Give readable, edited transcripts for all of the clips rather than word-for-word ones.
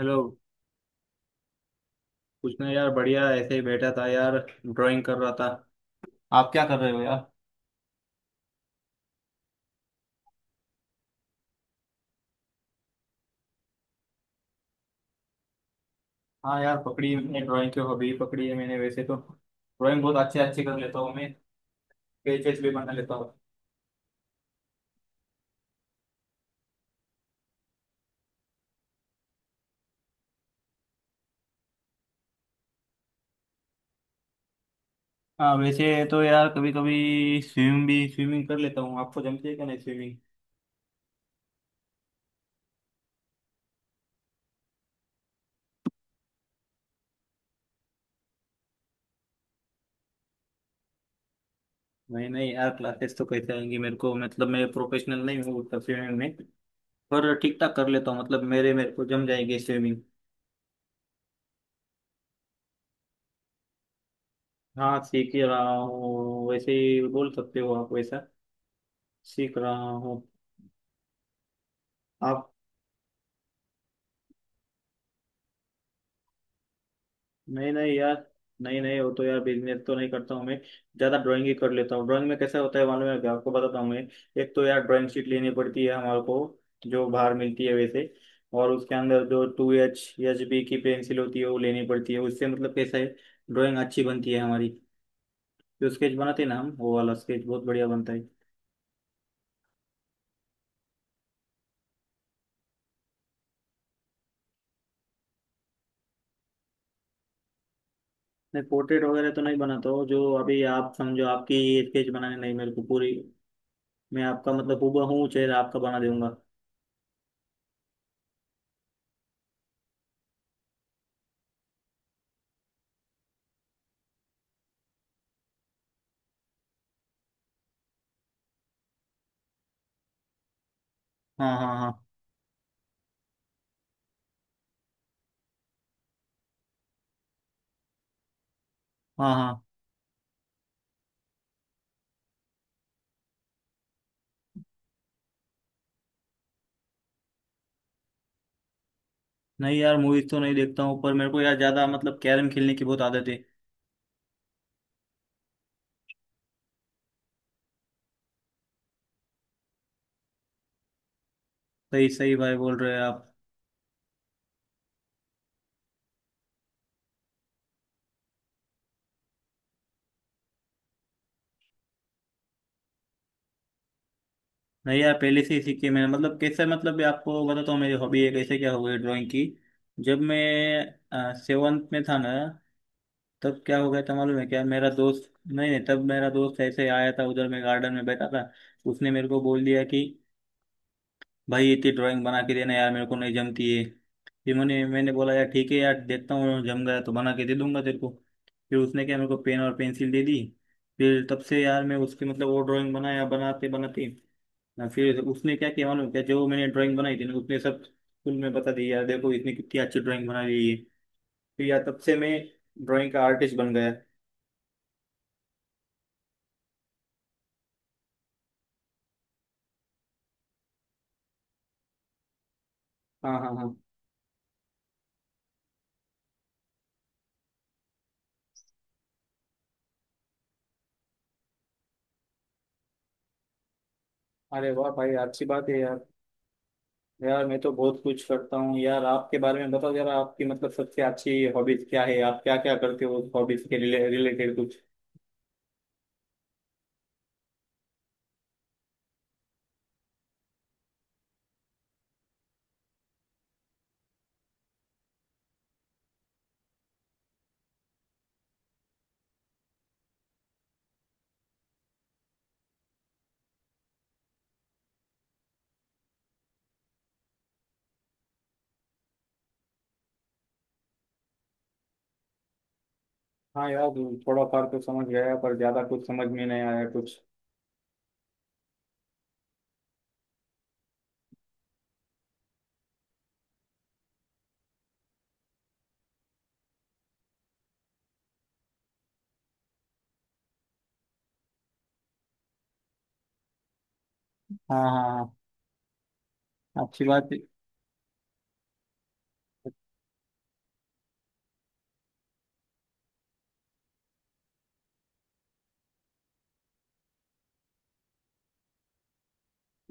Hello. कुछ ना यार, बढ़िया, ऐसे ही बैठा था यार। ड्राइंग कर रहा था। आप क्या कर रहे हो यार? हाँ यार, पकड़ी है मैंने, ड्राइंग की हॉबी पकड़ी है मैंने। वैसे तो ड्राइंग बहुत अच्छे अच्छे कर लेता हूँ मैं। पेजेस भी बना लेता हूँ। हाँ वैसे तो यार कभी कभी स्विमिंग भी स्विमिंग कर लेता हूँ। आपको जमती है क्या? नहीं, स्विमिंग। नहीं नहीं यार, क्लासेस तो कैसे आएंगी मेरे को। मतलब मैं प्रोफेशनल नहीं हूँ उतना स्विमिंग में। पर ठीक ठाक कर लेता हूँ। मतलब मेरे मेरे को जम जाएगी स्विमिंग। हाँ सीख ही रहा हूँ, वैसे ही बोल सकते हो आप वैसा। सीख रहा हूँ। नहीं नहीं यार। नहीं नहीं, वो तो यार बिजनेस तो नहीं करता हूँ मैं। ज्यादा ड्राइंग ही कर लेता हूँ। ड्राइंग में कैसा होता है मालूम है क्या? आपको बताता हूँ मैं। एक तो यार ड्राइंग शीट लेनी पड़ती है हमारे को, जो बाहर मिलती है वैसे। और उसके अंदर जो 2H HB की पेंसिल होती है वो लेनी पड़ती है, उससे मतलब कैसा है, ड्राइंग अच्छी बनती है हमारी। जो स्केच बनाते हैं ना हम, वो वाला स्केच बहुत बढ़िया बनता है। नहीं पोर्ट्रेट वगैरह तो नहीं बनाता हूँ। जो अभी आप समझो, आपकी स्केच बनाने नहीं मेरे को पूरी, मैं आपका मतलब हूबहू चेहरा आपका बना दूंगा। हाँ हाँ हाँ। हाँ हाँ। नहीं यार मूवीज तो नहीं देखता हूँ, पर मेरे को यार ज्यादा मतलब कैरम खेलने की बहुत आदत है। सही सही भाई बोल रहे हैं आप। नहीं यार, पहले से ही सीखी है मैंने। मतलब कैसे, मतलब ये आपको बताता हूँ मेरी हॉबी है कैसे क्या हुई ड्राइंग की। जब मैं सेवन्थ में था ना, तब क्या हो गया था मालूम है क्या? मेरा दोस्त, नहीं नहीं, तब मेरा दोस्त ऐसे आया था उधर, मैं गार्डन में बैठा था। उसने मेरे को बोल दिया कि भाई इतनी ड्राइंग बना के देना यार, मेरे को नहीं जमती है। फिर मैंने मैंने बोला यार ठीक है यार, देखता हूँ जम गया तो बना के दे दूंगा तेरे को। फिर उसने क्या, मेरे को पेन और पेंसिल दे दी। फिर तब से यार मैं उसकी मतलब वो ड्राइंग बनाया, बनाते बनाते ना, फिर उसने क्या किया मालूम क्या, जो मैंने ड्राइंग बनाई थी ना, उसने सब स्कूल में बता दी, यार देखो इसने कितनी अच्छी ड्राइंग बना ली है। फिर यार तब से मैं ड्राइंग का आर्टिस्ट बन गया। हाँ हाँ हाँ। अरे वाह भाई, अच्छी बात है यार। यार मैं तो बहुत कुछ करता हूँ यार। आपके बारे में बताओ जरा, आपकी मतलब सबसे अच्छी हॉबीज क्या है, आप क्या क्या करते हो उस हॉबीज के रिलेटेड कुछ। हाँ यार। थोड़ा फार तो समझ गया, पर ज्यादा कुछ समझ में नहीं आया कुछ। हाँ हाँ हाँ, अच्छी बात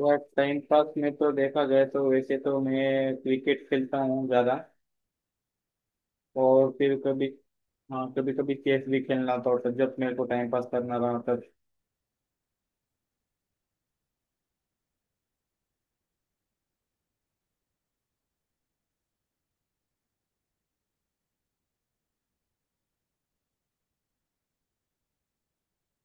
है। टाइम पास में तो देखा जाए तो वैसे तो मैं क्रिकेट खेलता हूँ ज्यादा। और फिर कभी, हाँ, कभी कभी चेस भी खेलना था, और जब मेरे को टाइम पास करना रहा।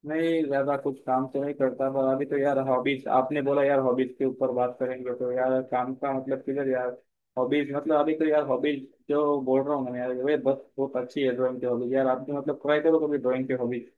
नहीं ज्यादा कुछ काम तो नहीं करता, पर अभी तो यार हॉबीज आपने बोला, यार हॉबीज के ऊपर बात करेंगे तो यार काम का मतलब किधर यार। हॉबीज मतलब अभी तो यार हॉबीज जो बोल रहा हूँ मैं यार, वे बस बहुत अच्छी है ड्राइंग की हॉबीज। यार आपने मतलब ट्राई करो कभी ड्राइंग की हॉबीज।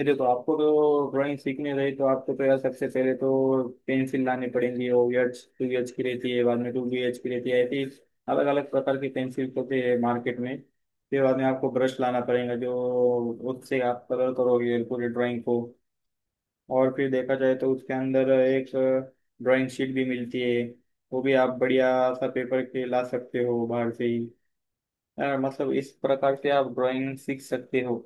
ये देखो, आपको तो ड्राइंग सीखनी रही तो आपको तो यार सबसे पहले तो पेंसिल लानी पड़ेंगी। ओ एच टू एच की रहती है, बाद में टू बी एच की रहती है, ऐसी अलग अलग प्रकार की पेंसिल होती है मार्केट में। फिर बाद में आपको ब्रश लाना पड़ेगा, जो उससे आप कलर करोगे पूरी ड्राइंग को। और फिर देखा जाए तो उसके अंदर एक ड्राइंग शीट भी मिलती है। वो भी आप बढ़िया सा पेपर के ला सकते हो बाहर से ही। यार मतलब इस प्रकार से आप ड्राइंग सीख सकते हो।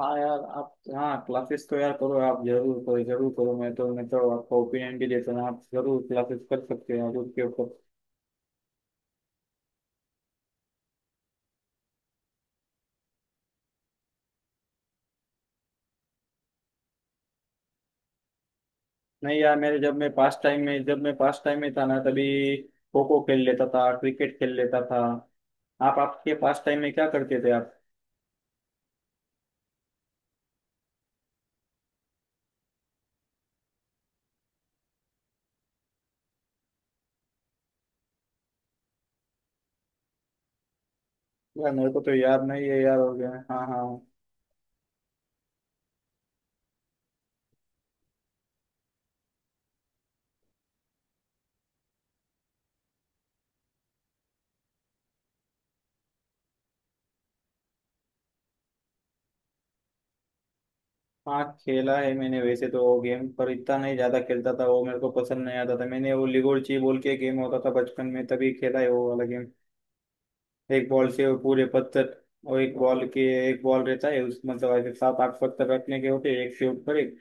हाँ यार आप, हाँ क्लासेस तो यार करो आप, जरूर करो, जरूर करो। मैं तो आपको ओपिनियन भी देता हूँ, आप जरूर क्लासेस कर सकते हो आप उसके ऊपर। नहीं यार, मेरे जब मैं पास टाइम में जब मैं पास टाइम में था ना, तभी खो खो खेल लेता था, क्रिकेट खेल लेता था। आप आपके पास टाइम में क्या करते थे आप? यार मेरे को तो याद नहीं है यार, हो गया, हाँ हाँ हाँ। हाँ, खेला है मैंने वैसे तो वो गेम, पर इतना नहीं ज्यादा खेलता था वो, मेरे को पसंद नहीं आता था। मैंने वो लिगोर्ची बोल के गेम होता था बचपन में, तभी खेला है वो वाला गेम। एक बॉल से वो पूरे पत्थर, और एक बॉल के, एक बॉल रहता है उस, मतलब ऐसे सात आठ पत्थर रखने के होते हैं एक से ऊपर एक।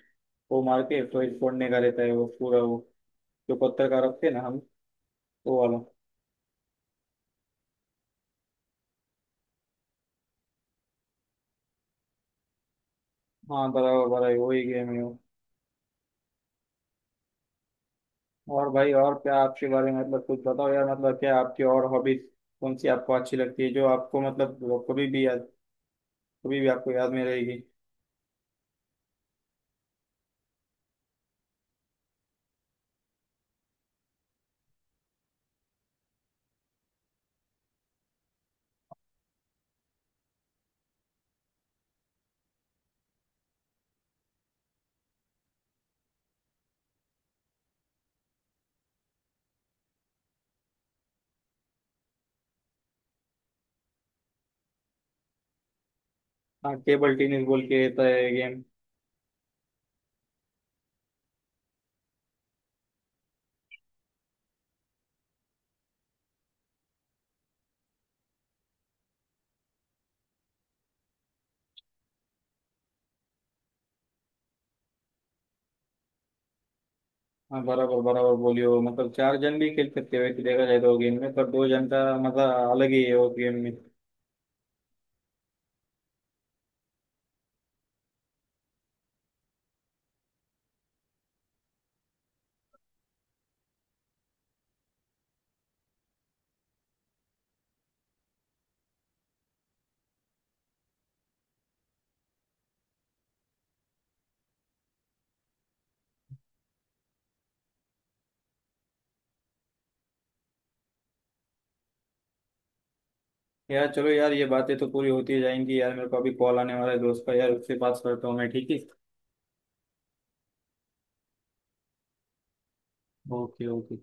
वो मार के तो एक फोड़ने का रहता है वो पूरा वो, जो पत्थर का रखते हैं ना हम, वो वाला। हाँ बराबर बराबर वही गेम है वो। और भाई और क्या आपके बारे में मतलब कुछ बताओ यार, मतलब क्या आपकी और हॉबीज कौन सी आपको अच्छी लगती है, जो आपको मतलब वो कभी भी याद, कभी भी आपको याद में रहेगी। हाँ टेबल टेनिस बोल के रहता है गेम। हाँ बराबर बराबर बोलियो, मतलब चार जन भी खेल सकते हो वैसे देखा जाए तो गेम में, पर दो जन का मजा अलग ही है उस गेम में। यार चलो यार, ये बातें तो पूरी होती जाएंगी यार, मेरे को अभी कॉल आने वाला है दोस्त का यार, उससे बात करता हूँ मैं, ठीक है। Okay okay.